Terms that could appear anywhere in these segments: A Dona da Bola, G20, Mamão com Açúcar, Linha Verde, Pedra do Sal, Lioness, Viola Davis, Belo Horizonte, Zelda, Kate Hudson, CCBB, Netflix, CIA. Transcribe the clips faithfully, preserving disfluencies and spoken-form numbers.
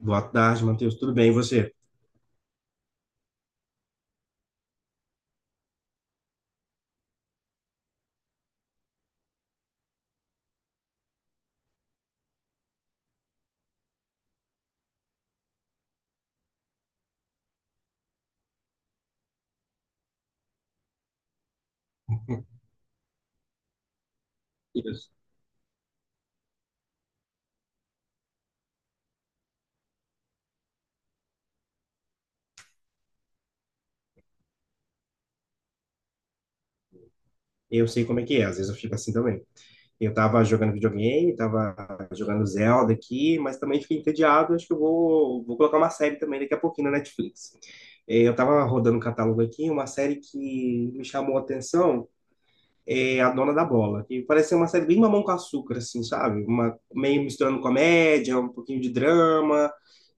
Boa tarde, Matheus. Tudo bem, e você? Isso. Eu sei como é que é, às vezes eu fico assim também. Eu tava jogando videogame, tava jogando Zelda aqui, mas também fiquei entediado. Acho que eu vou, vou colocar uma série também daqui a pouquinho na Netflix. Eh, Eu tava rodando um catálogo aqui, uma série que me chamou a atenção é A Dona da Bola, que parece ser uma série bem Mamão com Açúcar, assim, sabe? Uma, meio misturando comédia, um pouquinho de drama.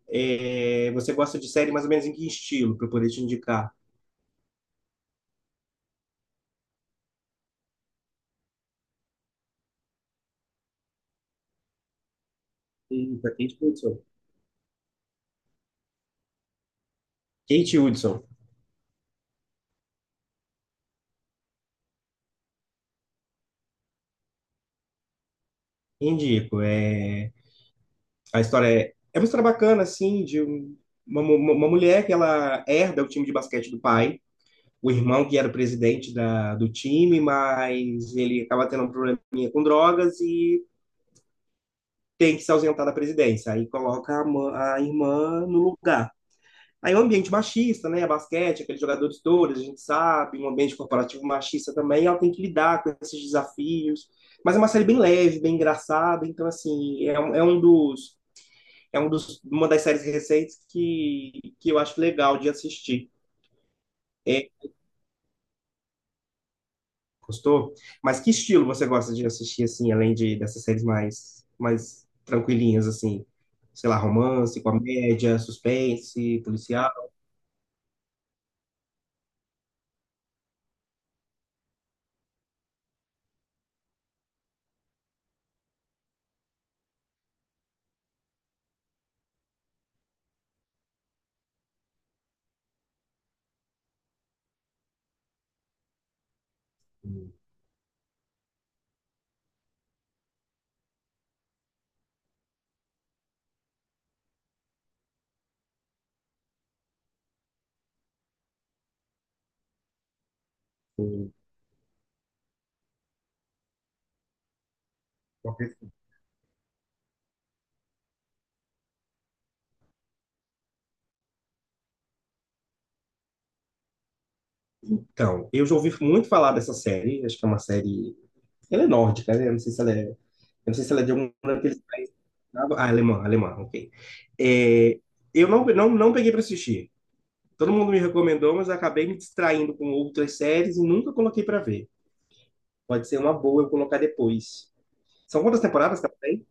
Eh, Você gosta de série mais ou menos em que estilo, para eu poder te indicar? Eita, quem te Kate Hudson. Indico. É, a história é, é uma história bacana, assim, de um- uma, mu- uma mulher que ela herda o time de basquete do pai, o irmão que era o presidente da, do time, mas ele acaba tendo um probleminha com drogas e tem que se ausentar da presidência. Aí coloca a, ma- a irmã no lugar. Aí é um ambiente machista, né? Basquete, aqueles jogadores todos, a gente sabe, um ambiente corporativo machista também, ela tem que lidar com esses desafios. Mas é uma série bem leve, bem engraçada, então, assim, é um, é um dos é um dos, uma das séries recentes que, que eu acho legal de assistir. É, gostou? Mas que estilo você gosta de assistir, assim, além de dessas séries mais, mais tranquilinhas, assim? Sei lá, romance, comédia, suspense, policial? Ou- Então, eu já ouvi muito falar dessa série, acho que é uma série. Ela é nórdica, né? Eu não sei se ela é. Eu não sei se ela é de algum daqueles. Ah, alemã, alemã, ok. É, eu não, não, não peguei para assistir. Todo mundo me recomendou, mas eu acabei me distraindo com outras séries e nunca coloquei para ver. Pode ser uma boa eu colocar depois. São quantas temporadas que ela tem?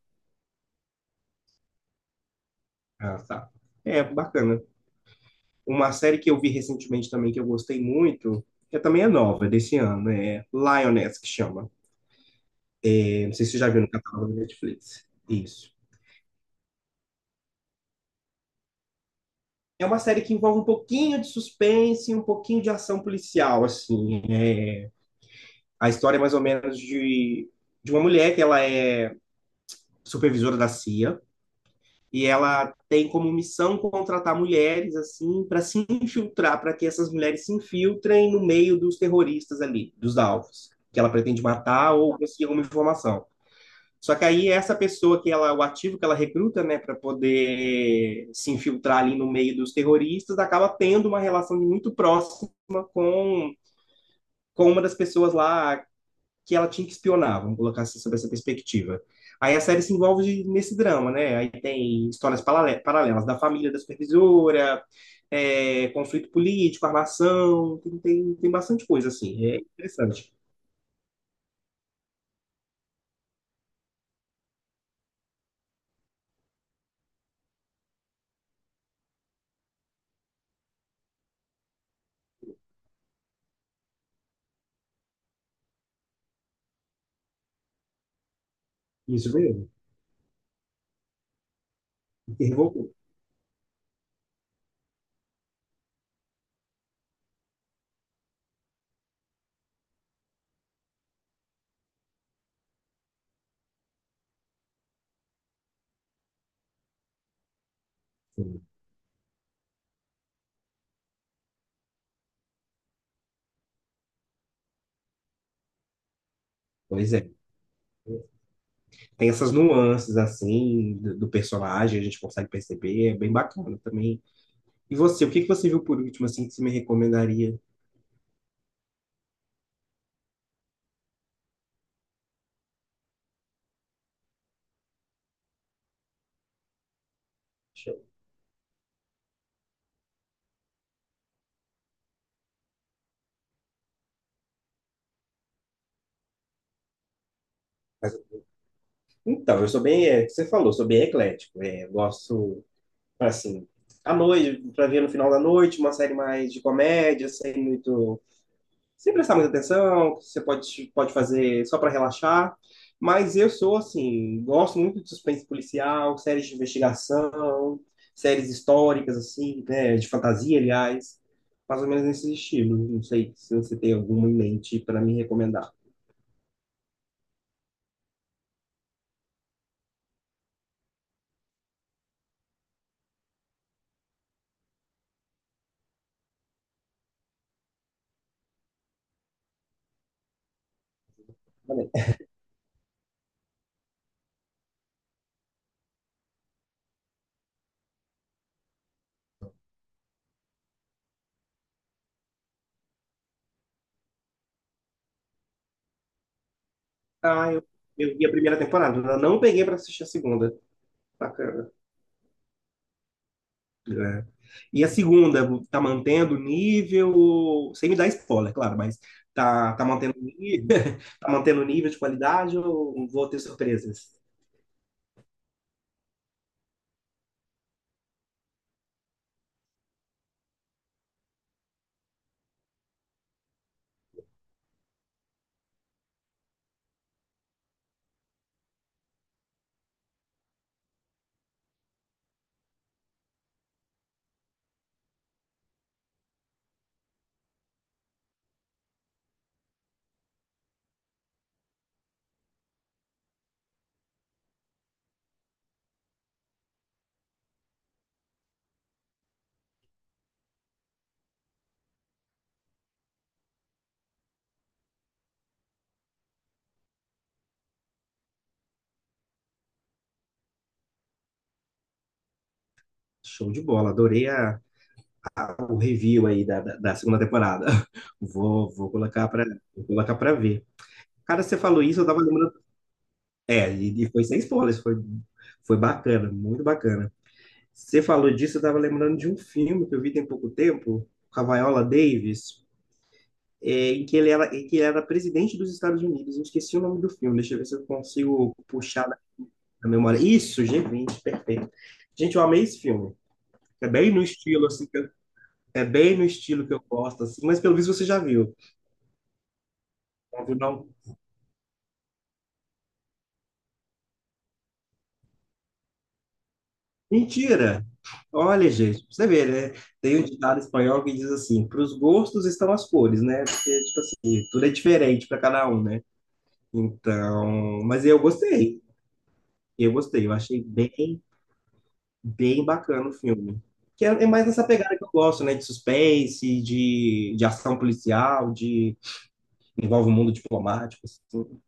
Ah, tá. É, bacana. Uma série que eu vi recentemente também, que eu gostei muito, que também é nova, é desse ano, é Lioness, que chama. É, não sei se você já viu no catálogo da Netflix. Isso. É uma série que envolve um pouquinho de suspense, e um pouquinho de ação policial, assim. É, a história é mais ou menos de, de uma mulher que ela é supervisora da C I A, e ela tem como missão contratar mulheres assim para se infiltrar, para que essas mulheres se infiltrem no meio dos terroristas ali, dos alvos que ela pretende matar ou conseguir alguma informação. Só que aí essa pessoa que ela, o ativo que ela recruta, né, para poder se infiltrar ali no meio dos terroristas, acaba tendo uma relação muito próxima com com uma das pessoas lá que ela tinha que espionar, vamos colocar assim, sob essa perspectiva. Aí a série se envolve nesse drama, né? Aí tem histórias parale- paralelas da família da supervisora, é, conflito político, armação, tem, tem, tem bastante coisa, assim. É interessante. Isso mesmo. E revoltou. Sim. Pois é. Tem essas nuances, assim, do, do personagem, a gente consegue perceber, é bem bacana também. E você, o que que você viu por último, assim, que você me recomendaria? Deixa eu- Mas- Então, eu sou bem, é, o que você falou, sou bem eclético. É, eu gosto assim, à noite, pra ver no final da noite, uma série mais de comédia, sem muito, sem prestar muita atenção, que você pode, pode fazer só para relaxar. Mas eu sou, assim, gosto muito de suspense policial, séries de investigação, séries históricas, assim, né, de fantasia, aliás, mais ou menos nesse estilo. Não sei se você tem alguma em mente para me recomendar. Ah, eu, eu vi a primeira temporada, ainda não peguei para assistir a segunda. Bacana. Né? E a segunda, tá mantendo o nível, sem me dar spoiler, claro, mas tá, tá mantendo o nível, tá mantendo o nível de qualidade ou vou ter surpresas? Show de bola, adorei a- o review aí da, da, da segunda temporada. Vou, vou colocar para vou colocar para ver. Cara, você falou isso, eu tava lembrando. É, e, e foi sem spoilers, foi, foi bacana, muito bacana. Você falou disso, eu tava lembrando de um filme que eu vi tem pouco tempo, com a Viola Davis. é, em que ele era, em que ele era presidente dos Estados Unidos. Eu esqueci o nome do filme, deixa eu ver se eu consigo puxar na na memória. Isso, G vinte, perfeito. Gente, eu amei esse filme. É bem no estilo, assim, que eu- É bem no estilo que eu gosto, assim, mas pelo visto você já viu. Não viu, não? Mentira! Olha, gente, pra você vê, né? Tem um ditado espanhol que diz assim: para os gostos estão as cores, né? Porque tudo é diferente para cada um, né? Então, mas eu gostei, eu gostei, eu achei bem. Bem bacana o filme. Que é, é mais nessa pegada que eu gosto, né? De suspense, de, de ação policial, de envolve o mundo diplomático, assim.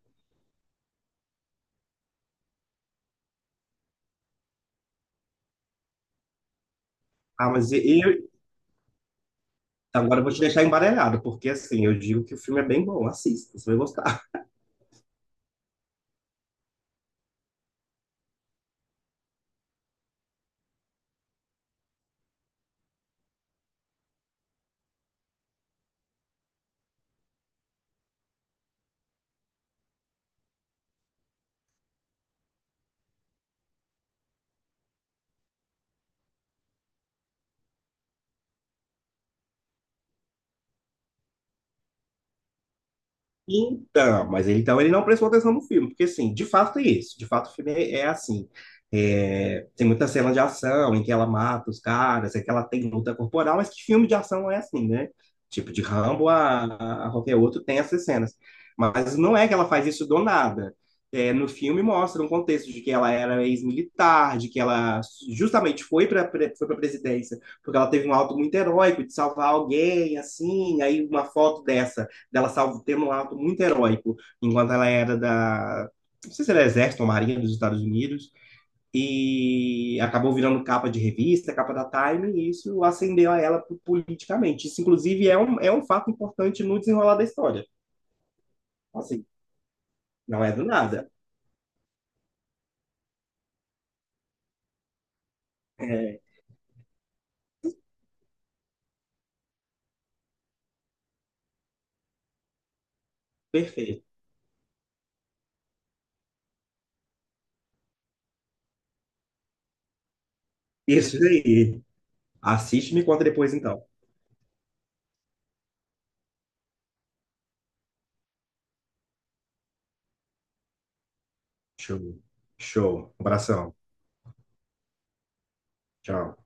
Ah, mas eu, agora eu vou te deixar embaralhado, porque assim, eu digo que o filme é bem bom, assista, você vai gostar. Então, mas ele, então ele não prestou atenção no filme, porque assim, de fato é isso, de fato o filme é, é assim. É, tem muita cena de ação em que ela mata os caras, é que ela tem luta corporal, mas que filme de ação não é assim, né? Tipo, de Rambo a, a qualquer outro tem essas cenas. Mas não é que ela faz isso do nada. É, no filme mostra um contexto de que ela era ex-militar, de que ela justamente foi para foi para presidência porque ela teve um alto muito heróico de salvar alguém, assim, aí uma foto dessa dela salvo tendo um ato muito heróico, enquanto ela era da, não sei se era exército ou marinha dos Estados Unidos, e acabou virando capa de revista, capa da Time, e isso acendeu a ela politicamente. Isso, inclusive, é um, é um fato importante no desenrolar da história. Assim, não é do nada. É perfeito. Isso aí. Assiste e me conta depois, então. Show. Show. Um abração. Tchau.